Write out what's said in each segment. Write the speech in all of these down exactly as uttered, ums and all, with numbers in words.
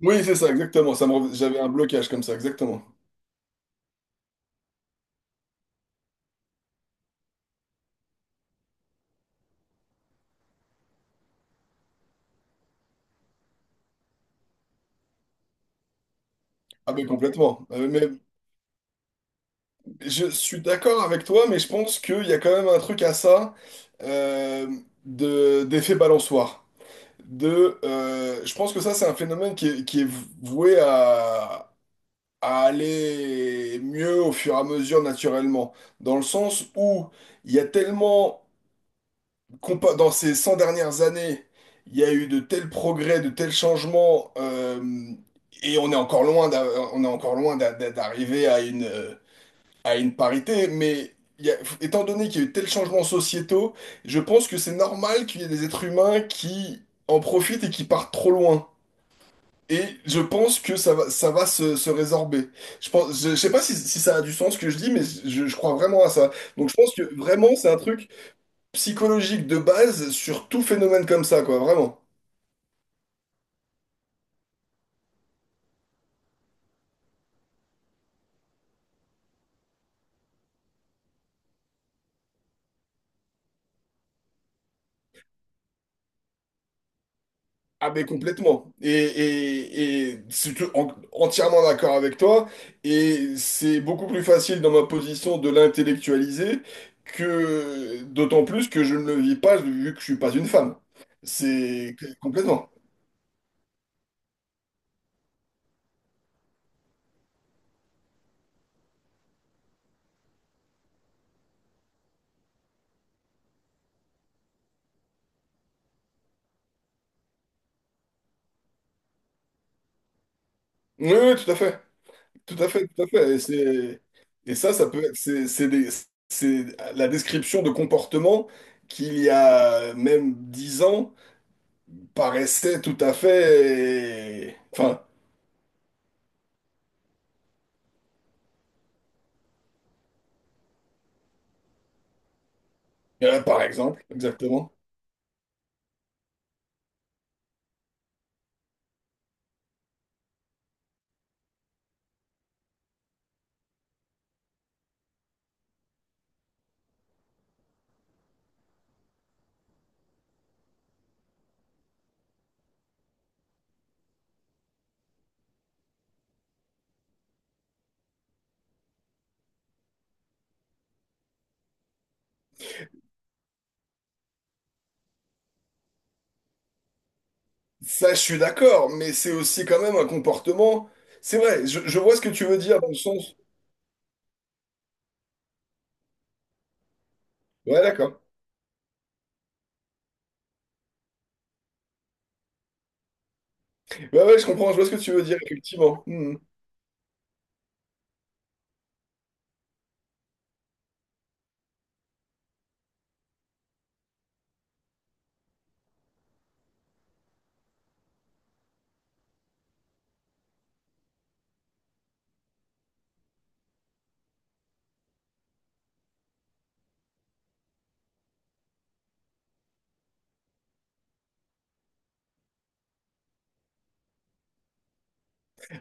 Oui, c'est ça, exactement. Ça me rev- J'avais un blocage comme ça, exactement. Ah ben complètement. Euh, mais je suis d'accord avec toi, mais je pense qu'il y a quand même un truc à ça euh, de, d'effet balançoire. De, euh, je pense que ça, c'est un phénomène qui est, qui est voué à, à aller mieux au fur et à mesure naturellement. Dans le sens où il y a tellement compa- dans ces cent dernières années, il y a eu de tels progrès, de tels changements, euh, et on est encore loin d'a- on est encore loin d'a- d'a- d'arriver à une, euh, à une parité, mais il y a- étant donné qu'il y a eu tels changements sociétaux, je pense que c'est normal qu'il y ait des êtres humains qui en profitent et qui partent trop loin. Et je pense que ça va, ça va se, se résorber. Je pense, je, je sais pas si, si ça a du sens ce que je dis, mais je, je crois vraiment à ça. Donc je pense que vraiment c'est un truc psychologique de base sur tout phénomène comme ça, quoi, vraiment. Ah mais complètement. Et, et, et c'est tout- en- entièrement d'accord avec toi. Et c'est beaucoup plus facile dans ma position de l'intellectualiser que d'autant plus que je ne le vis pas vu que je suis pas une femme. C'est complètement. Oui, oui, oui, tout à fait. Tout à fait, tout à fait. Et c'est, et ça, ça peut être, c'est c'est des- c'est la description de comportements qu'il y a même dix ans paraissait tout à fait… Enfin, euh, par exemple, exactement. Ça, je suis d'accord, mais c'est aussi quand même un comportement… C'est vrai, je, je vois ce que tu veux dire dans le sens… Ouais, d'accord. Ouais, ouais, je comprends, je vois ce que tu veux dire, effectivement. Hmm.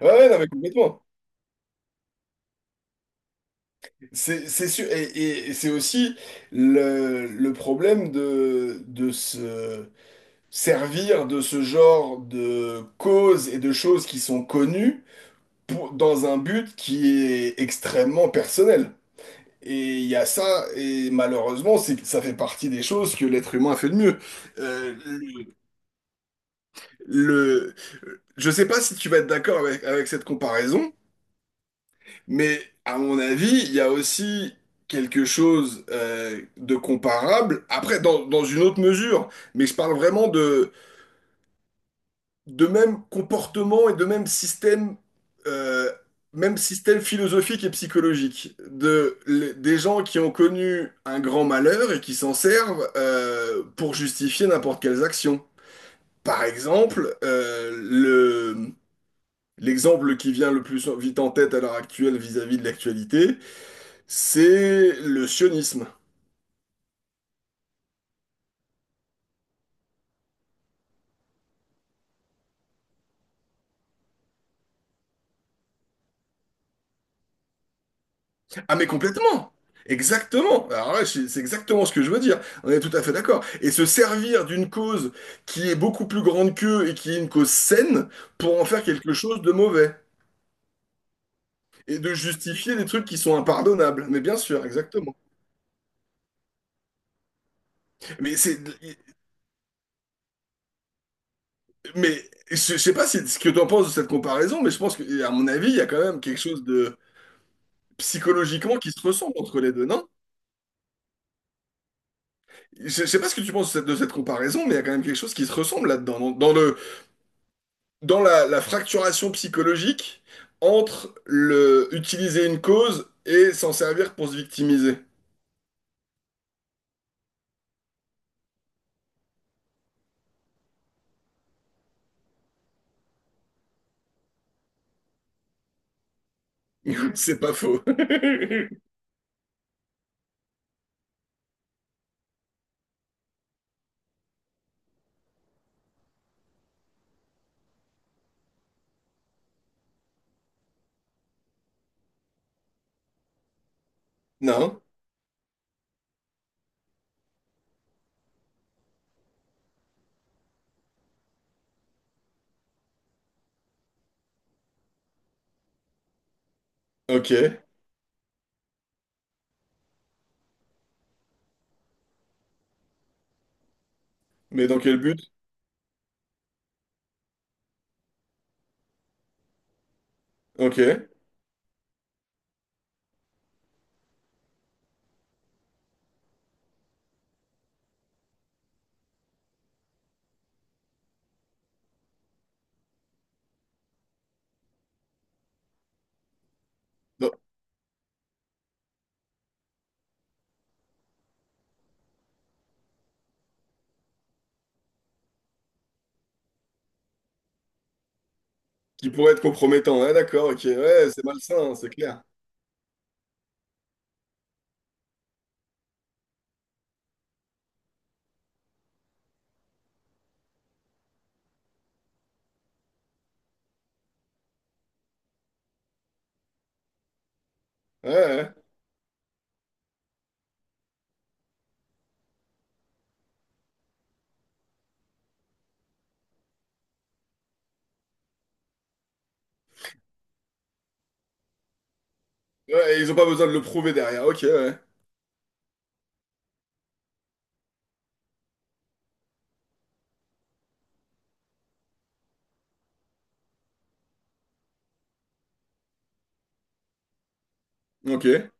Ouais, ouais, non, mais complètement. C'est, c'est sûr, et, et- et c'est aussi le, le problème de, de se servir de ce genre de causes et de choses qui sont connues pour- dans un but qui est extrêmement personnel. Et il y a ça, et malheureusement, c'est, ça fait partie des choses que l'être humain a fait de mieux. Euh, le, le- je sais pas si tu vas être d'accord avec, avec cette comparaison, mais à mon avis, il y a aussi quelque chose euh, de comparable, après, dans, dans une autre mesure, mais je parle vraiment de, de même comportement et de même système, euh, même système philosophique et psychologique. De, les- des gens qui ont connu un grand malheur et qui s'en servent euh, pour justifier n'importe quelles actions. Par exemple, euh, le, l'exemple qui vient le plus vite en tête à l'heure actuelle vis-à-vis de l'actualité, c'est le sionisme. Ah mais complètement. Exactement. Alors là, c'est c'est exactement ce que je veux dire. On est tout à fait d'accord. Et se servir d'une cause qui est beaucoup plus grande qu'eux et qui est une cause saine pour en faire quelque chose de mauvais. Et de justifier des trucs qui sont impardonnables. Mais bien sûr, exactement. Mais c'est, mais je, je sais pas si, ce que tu en penses de cette comparaison, mais je pense que, à mon avis, il y a quand même quelque chose de psychologiquement qui se ressemble entre les deux, non? Je, je sais pas ce que tu penses de cette, de cette comparaison, mais il y a quand même quelque chose qui se ressemble là-dedans, dans, dans le, dans la, la fracturation psychologique entre le utiliser une cause et s'en servir pour se victimiser. C'est pas faux. Non? Ok. Mais dans quel but? Ok. Dans- Qui pourrait être compromettant. Ouais, d'accord, ok. Ouais, c'est malsain, hein, c'est clair. Ouais, ouais. Ouais, et ils ont pas besoin de le prouver derrière. Ok, ouais. Ok.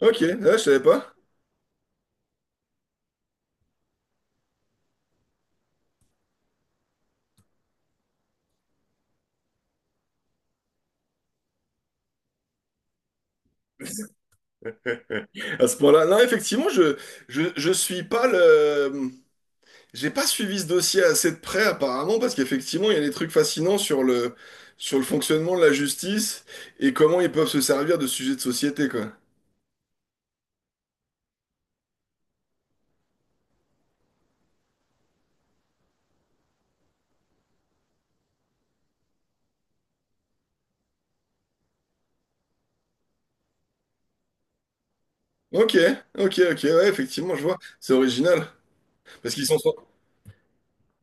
Ok, ouais, je savais pas. À ce point-là, non, effectivement, je, je, je suis pas le. J'ai pas suivi ce dossier assez de près apparemment parce qu'effectivement il y a des trucs fascinants sur le sur le fonctionnement de la justice et comment ils peuvent se servir de sujets de société quoi. Ok, ok, ok, ouais, effectivement, je vois, c'est original. Parce qu'ils sont…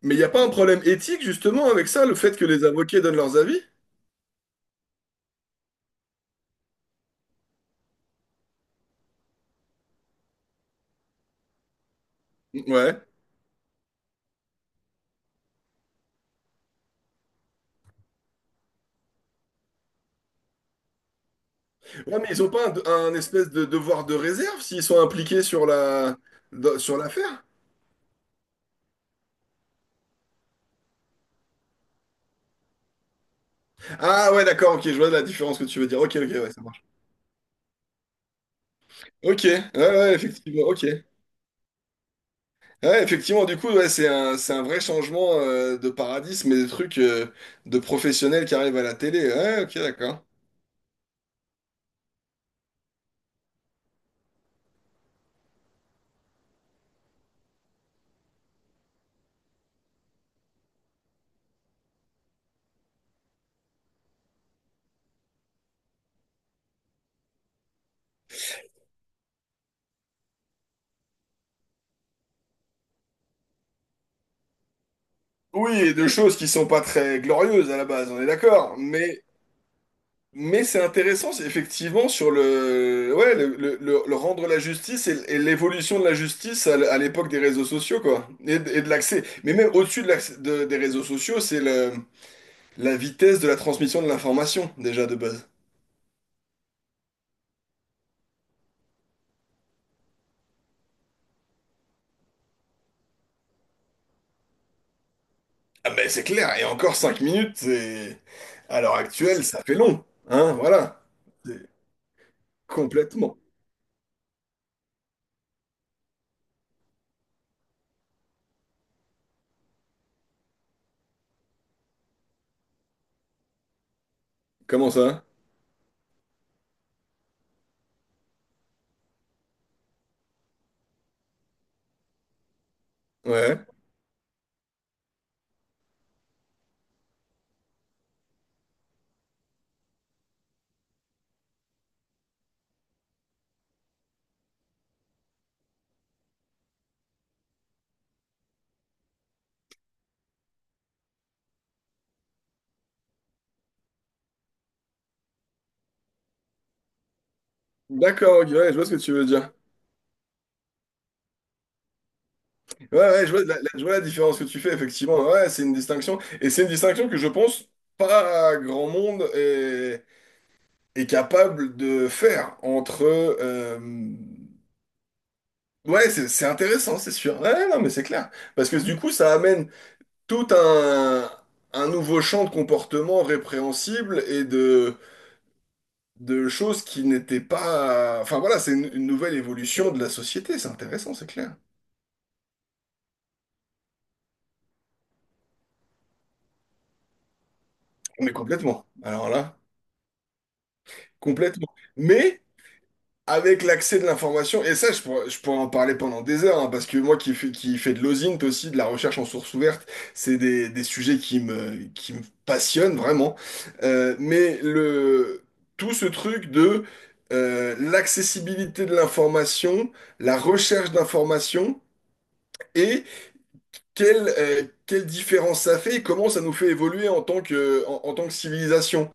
Mais il n'y a pas un problème éthique, justement, avec ça, le fait que les avocats donnent leurs avis? Ouais. Ouais, mais ils ont pas un, un espèce de devoir de réserve s'ils sont impliqués sur la… dans- sur l'affaire? Ah ouais, d'accord, ok, je vois la différence que tu veux dire. Ok, ok, ouais, ça marche. Ok, ouais, ouais, effectivement, ok. Ouais, effectivement, du coup, ouais, c'est un, c'est un vrai changement euh, de paradigme mais des trucs euh, de professionnels qui arrivent à la télé. Ouais, ok, d'accord. Oui, et de choses qui sont pas très glorieuses à la base, on est d'accord. Mais, mais c'est intéressant, c'est effectivement, sur le, ouais, le, le- le- le rendre la justice et, et l'évolution de la justice à, l- à l'époque des réseaux sociaux, quoi. Et, de et de l'accès. Mais même au-dessus de l'accès- de- des réseaux sociaux, c'est le- la vitesse de la transmission de l'information, déjà, de base. Ah ben c'est clair, et encore cinq minutes, c'est… à l'heure actuelle, ça fait long. Hein, voilà. C'est complètement. Comment ça? Ouais. D'accord, ok, ouais, je vois ce que tu veux dire. Ouais, ouais, je vois la, la- je vois la différence que tu fais, effectivement. Ouais, c'est une distinction. Et c'est une distinction que je pense pas grand monde est, est capable de faire entre… euh, Ouais, c'est c'est intéressant, c'est sûr. Ouais, non, mais c'est clair. Parce que du coup, ça amène tout un, un nouveau champ de comportements répréhensibles et de, de choses qui n'étaient pas… Enfin voilà, c'est une, une nouvelle évolution de la société, c'est intéressant, c'est clair. Mais complètement. Alors là, complètement. Mais avec l'accès de l'information, et ça, je pourrais, je pourrais en parler pendant des heures, hein, parce que moi qui fais, qui fais de l'O S I N T aussi, de la recherche en source ouverte c'est des, des sujets qui me, qui me passionnent vraiment. Euh, mais le, tout ce truc de euh, l'accessibilité de l'information, la recherche d'information, et quelle, euh, quelle différence ça fait, et comment ça nous fait évoluer en tant que, en, en tant que civilisation.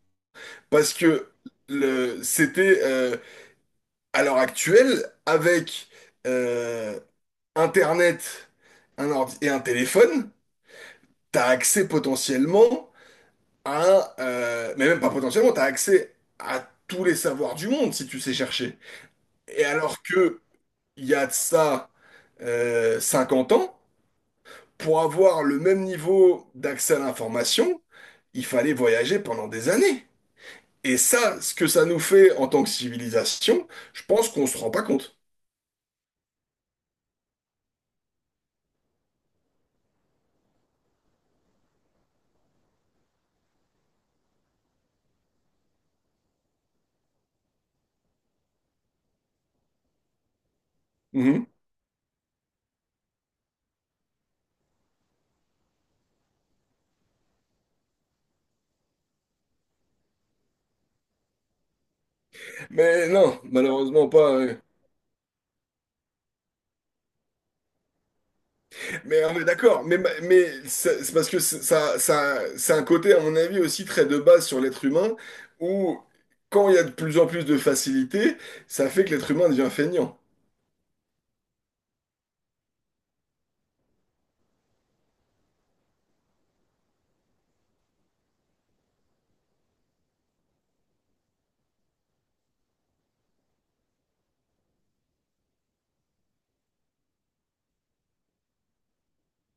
Parce que le, c'était… euh, à l'heure actuelle, avec euh, Internet, un ordi et un téléphone, tu as accès potentiellement à… euh, mais même pas potentiellement, tu as accès à tous les savoirs du monde si tu sais chercher. Et alors que il y a de ça euh, cinquante ans, pour avoir le même niveau d'accès à l'information, il fallait voyager pendant des années. Et ça, ce que ça nous fait en tant que civilisation, je pense qu'on se rend pas compte. Mhm. Mais non, malheureusement pas. euh. Mais on est d'accord. Mais, mais c'est c'est parce que c'est- ça, ça, c'est un côté, à mon avis, aussi très de base sur l'être humain, où quand il y a de plus en plus de facilité, ça fait que l'être humain devient feignant.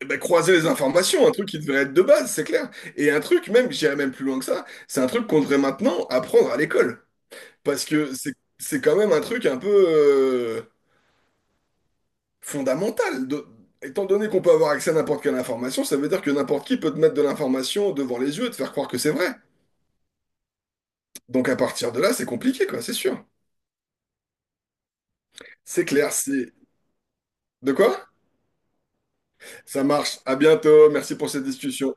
Eh ben, croiser les informations, un truc qui devrait être de base, c'est clair. Et un truc, même, j'irais même plus loin que ça, c'est un truc qu'on devrait maintenant apprendre à l'école. Parce que c'est c'est quand même un truc un peu… euh, fondamentale. De- Étant donné qu'on peut avoir accès à n'importe quelle information, ça veut dire que n'importe qui peut te mettre de l'information devant les yeux et te faire croire que c'est vrai. Donc à partir de là, c'est compliqué, quoi, c'est sûr. C'est clair, c'est… De quoi? Ça marche. À bientôt. Merci pour cette discussion.